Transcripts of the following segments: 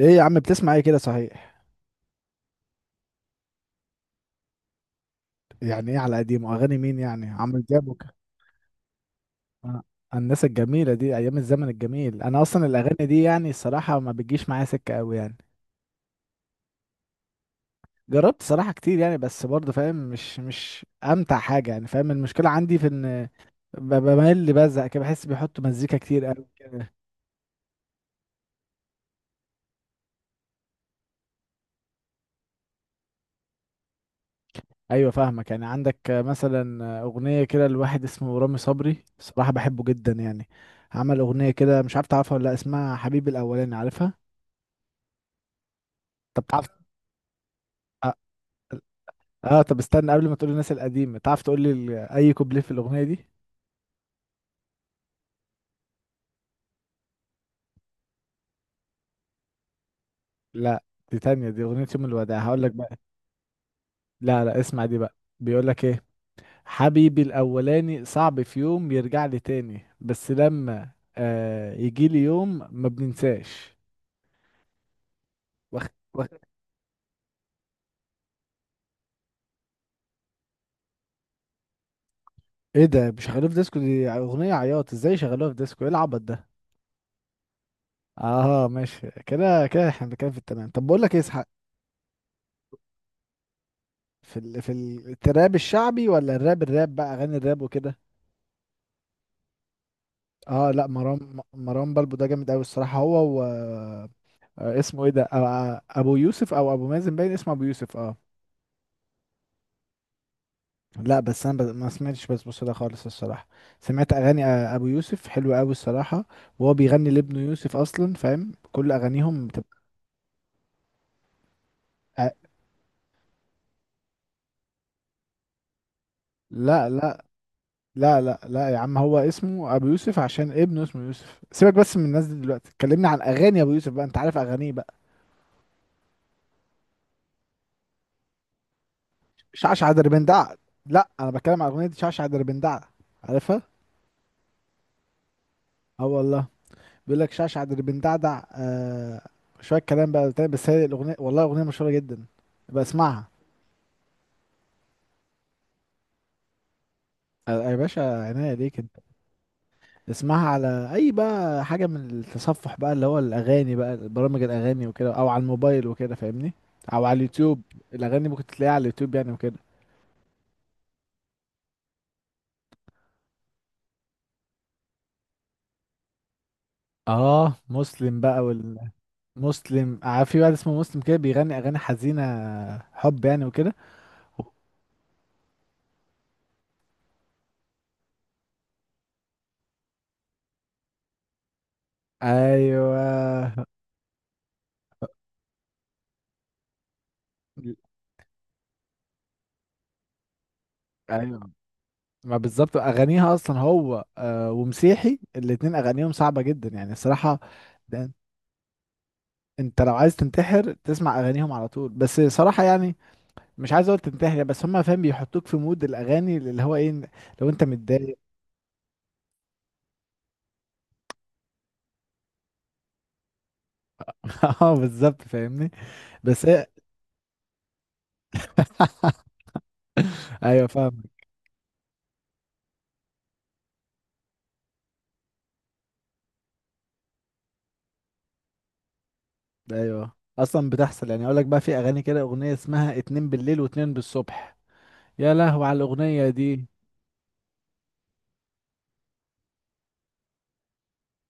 ايه يا عم، بتسمع ايه كده؟ صحيح، يعني ايه على قديمه؟ اغاني مين يعني؟ عمرو دياب آه، الناس الجميله دي ايام الزمن الجميل. انا اصلا الاغاني دي يعني الصراحه ما بتجيش معايا سكه قوي يعني. جربت صراحه كتير يعني، بس برضه فاهم. مش امتع حاجه يعني. فاهم المشكله عندي في ان بميل اللي بزهق كده. بحس بيحطوا مزيكا كتير قوي كده. ايوه فاهمك. يعني عندك مثلا اغنيه كده لواحد اسمه رامي صبري، صراحه بحبه جدا يعني. عمل اغنيه كده مش عارف تعرفها ولا لأ، اسمها حبيبي الاولاني. عارفها؟ طب تعرف. آه، اه طب استنى قبل ما تقول الناس القديمة، تعرف تقول لي اي كوبليه في الأغنية دي؟ لا، دي تانية، دي أغنية يوم الوداع هقول لك بقى. لا لا، اسمع دي بقى، بيقول لك ايه: حبيبي الأولاني صعب في يوم يرجع لي تاني، بس لما آه يجي لي يوم ما بننساش. وخ... وخ... ايه ده؟ مش شغالوها في ديسكو؟ دي أغنية عياط، ازاي شغالوها في ديسكو؟ ايه العبط ده؟ اه ماشي كده كده، احنا بنتكلم في التمام. طب بقول لك ايه اسحاق، في الراب الشعبي ولا الراب بقى اغاني الراب وكده. اه لا، مروان بلبو ده جامد قوي الصراحه هو و اسمه ايه ده ابو يوسف او ابو مازن. باين اسمه ابو يوسف اه. لا بس انا ما سمعتش بسبوسه ده خالص الصراحه. سمعت اغاني ابو يوسف حلوه قوي الصراحه. وهو بيغني لابنه يوسف اصلا، فاهم؟ كل اغانيهم بتبقى آه، لا لا لا لا لا يا عم، هو اسمه ابو يوسف عشان ابنه اسمه يوسف. سيبك بس من الناس دي دلوقتي، كلمني عن اغاني ابو يوسف بقى. انت عارف اغانيه بقى؟ شعشع دربندع. لا انا بتكلم عن اغنيه شعشع دربندع، عارفها؟ اه والله، بيقول لك شعشع اللي بندعدع آه، شويه كلام بقى تاني. بس هي الاغنيه والله اغنيه مشهوره جدا، يبقى اسمعها. آه، يا باشا عينيا ليك انت. اسمعها على اي بقى حاجه، من التصفح بقى، اللي هو الاغاني بقى، برامج الاغاني وكده، او على الموبايل وكده فاهمني، او على اليوتيوب. الاغاني ممكن تلاقيها على اليوتيوب يعني وكده. اه مسلم بقى. والمسلم في واحد اسمه مسلم كده بيغني اغاني حزينه، حب يعني وكده. ايوه. ايوه، ما بالظبط اغانيها اصلا. هو ومسيحي الاتنين اغانيهم صعبه جدا يعني الصراحه. ده انت لو عايز تنتحر تسمع اغانيهم على طول، بس صراحه يعني مش عايز اقول تنتحر، بس هم فاهم بيحطوك في مود الاغاني اللي هو ايه، لو انت متضايق. اه بالظبط فاهمني، بس هي. ايوه فاهمك. ايوه، اصلا بتحصل. يعني اقول لك بقى، في اغاني كده اغنيه اسمها اتنين بالليل واتنين بالصبح، يا لهو على الاغنيه دي.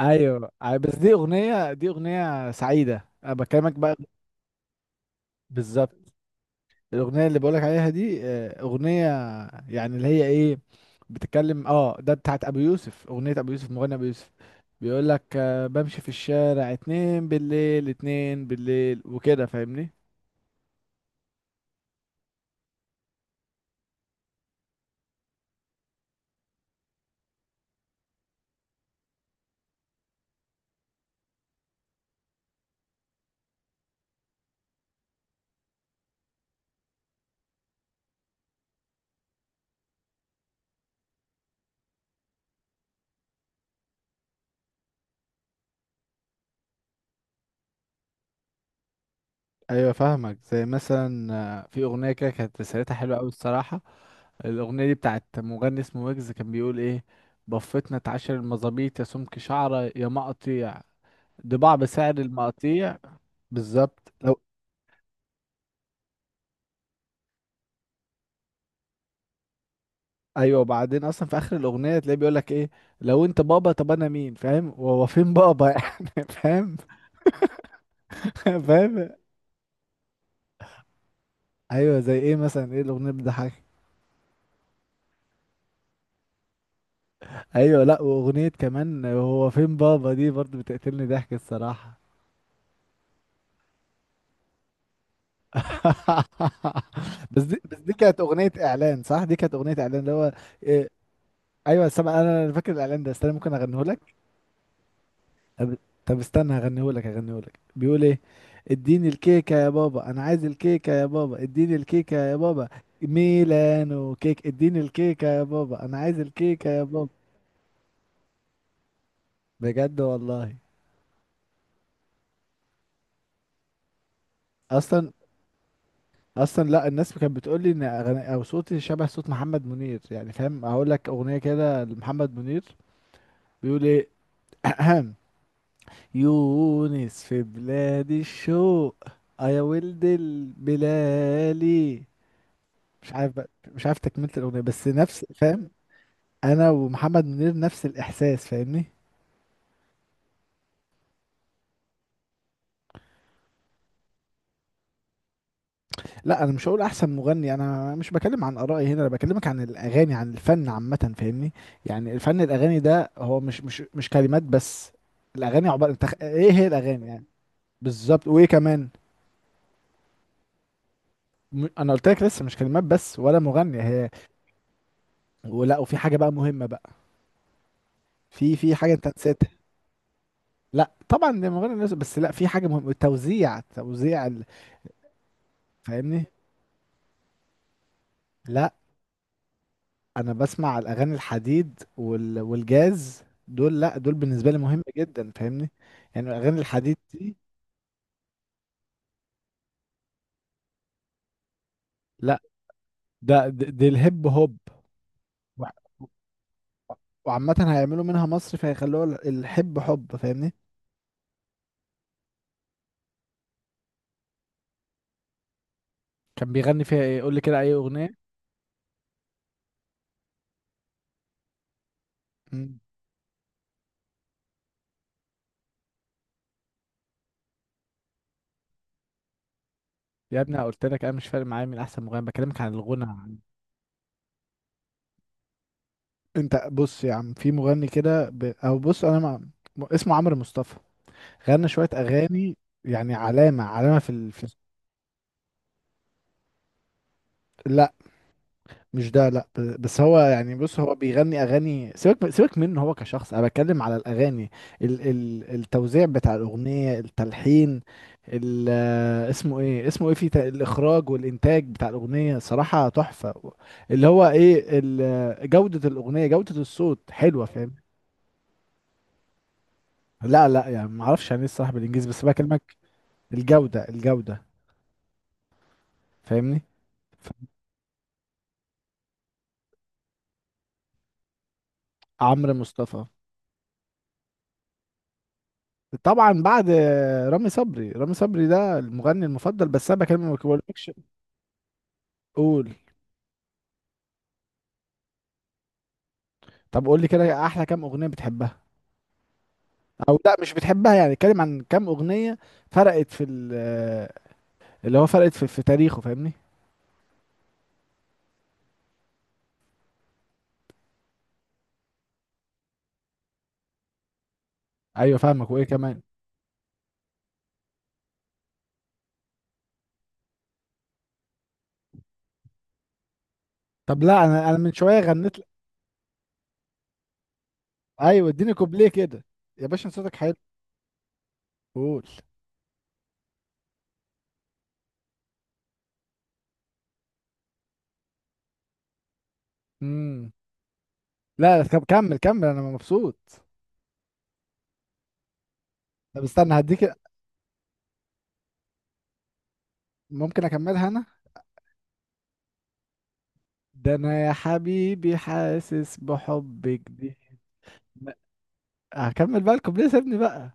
ايوه بس دي اغنيه سعيده انا بكلمك بقى. بالظبط. الاغنيه اللي بقولك عليها دي اغنيه يعني اللي هي ايه، بتتكلم ده بتاعت ابو يوسف. اغنيه ابو يوسف، مغني ابو يوسف، بيقولك بمشي في الشارع، اتنين بالليل اتنين بالليل وكده فاهمني. ايوه فاهمك. زي مثلا في اغنيه كده كانت رسالتها حلوه قوي الصراحه. الاغنيه دي بتاعت مغني اسمه ويجز، كان بيقول ايه: بفتنا اتعشر المظابيط يا سمك شعره يا مقاطيع، ضباع بسعر المقاطيع. بالظبط. ايوه، وبعدين اصلا في اخر الاغنيه تلاقيه بيقول لك ايه: لو انت بابا طب انا مين، فاهم؟ وهو فين بابا يعني، فاهم؟ فاهم. ايوه زي ايه مثلا؟ ايه الاغنيه بتضحك؟ ايوه، لا واغنيه كمان هو فين بابا دي برضو بتقتلني ضحك الصراحه. بس دي كانت اغنيه اعلان، صح؟ دي كانت اغنيه اعلان اللي هو إيه. ايوه سامع، انا فاكر الاعلان ده. استنى ممكن اغنيه لك. طب، طب استنى هغنيهولك بيقول ايه: اديني الكيكة يا بابا، انا عايز الكيكة يا بابا، اديني الكيكة يا بابا، ميلانو كيك. اديني الكيكة يا بابا، انا عايز الكيكة يا بابا. بجد والله. اصلا، اصلا لا، الناس كانت بتقول لي ان او صوتي شبه صوت محمد منير يعني، فاهم؟ هقول لك اغنية كده لمحمد منير، بيقول ايه: يونس في بلاد الشوق، آه يا ولد البلالي. مش عارف تكملة الأغنية، بس نفس، فاهم؟ أنا ومحمد منير نفس الإحساس فاهمني. لا أنا مش هقول أحسن مغني، أنا مش بكلم عن آرائي هنا، أنا بكلمك عن الأغاني، عن الفن عامة فاهمني. يعني الفن، الأغاني ده، هو مش كلمات بس. الأغاني عبارة، أنت إيه هي الأغاني يعني؟ بالظبط، وإيه كمان؟ أنا قلت لك لسه مش كلمات بس ولا مغني هي. ولا، وفي حاجة بقى مهمة بقى، في حاجة أنت نسيتها. لا طبعا ده مغني بس لا، في حاجة مهمة: التوزيع، فاهمني. لا انا بسمع الاغاني الحديد والجاز، دول لا دول بالنسبه لي مهم جدا فاهمني. يعني الاغاني الحديد لا ده دي الهيب هوب. وع- وعامه هيعملوا منها مصر فهيخلوها الحب حب فاهمني. كان بيغني فيها ايه؟ قول لي كده اي اغنيه. مم. يا ابني أنا قلت لك، انا مش فارق معايا مين احسن مغني، بكلمك عن الغنى عن... انت بص يا عم، في مغني كده او بص انا اسمه عمرو مصطفى. غنى شويه اغاني يعني علامه علامه لا مش ده، لا بس هو يعني، بص هو بيغني اغاني، سيبك سيبك منه هو كشخص، انا بتكلم على الاغاني، ال ال التوزيع بتاع الاغنيه، التلحين، ال آه، اسمه ايه في الاخراج والانتاج بتاع الاغنيه صراحه تحفه. اللي هو ايه جوده الاغنيه، جوده الصوت حلوه، فاهم؟ لا لا يعني ما اعرفش يعني ايه الصراحه بالانجليزي بس بكلمك. الجوده الجوده، فاهمني. ف- عمرو مصطفى. طبعا بعد رامي صبري. رامي صبري ده المغني المفضل، بس انا بكلمك ما بقولكش. قول. طب قول لي كده، احلى كام اغنيه بتحبها، او لا مش بتحبها يعني، اتكلم عن كام اغنيه فرقت في اللي هو فرقت في تاريخه فاهمني. ايوه فاهمك، وايه كمان؟ طب لا، انا من شويه غنيت ايوه اديني كوبليه كده، يا باشا أنا صوتك حلو. قول. امم، لا لا، طب كمل كمل، انا مبسوط. طب استنى هديك، ممكن اكملها انا. ده انا يا حبيبي حاسس بحب جديد. هكمل بقى الكوبليه سيبني بقى: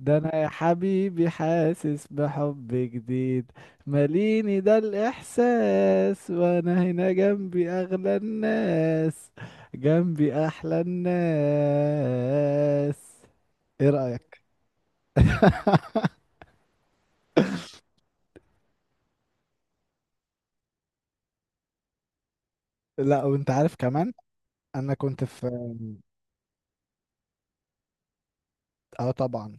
ده انا يا حبيبي حاسس بحب جديد، ماليني ده الاحساس، وانا هنا جنبي اغلى الناس، جنبي احلى الناس. ايه رأيك؟ لا وانت عارف كمان، انا كنت في. اه طبعا.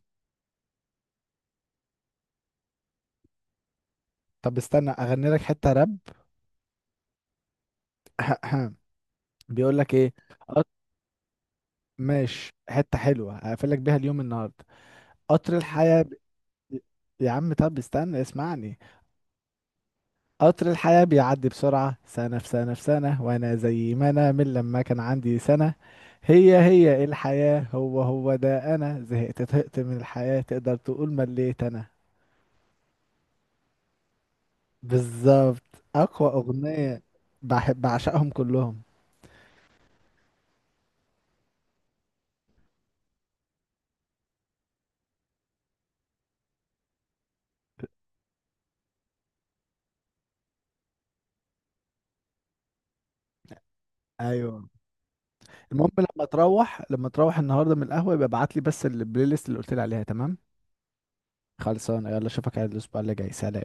طب استنى اغني لك حتة راب. بيقول لك ايه: قط- ماشي حتة حلوة هقفل لك بيها اليوم النهاردة. قطر الحياة، يا عم طب استنى اسمعني. قطر الحياة بيعدي بسرعة، سنة في سنة في سنة، وأنا زي ما أنا من لما كان عندي سنة. هي هي الحياة، هو هو ده. أنا زهقت طهقت من الحياة، تقدر تقول مليت أنا. بالظبط، أقوى أغنية. بحب بعشقهم كلهم. أيوه، المهم، لما تروح النهاردة من القهوة يبقى ابعت لي بس البلاي ليست اللي قلت لي عليها، تمام؟ خلصانة، يلا أشوفك على الأسبوع اللي جاي، سلام.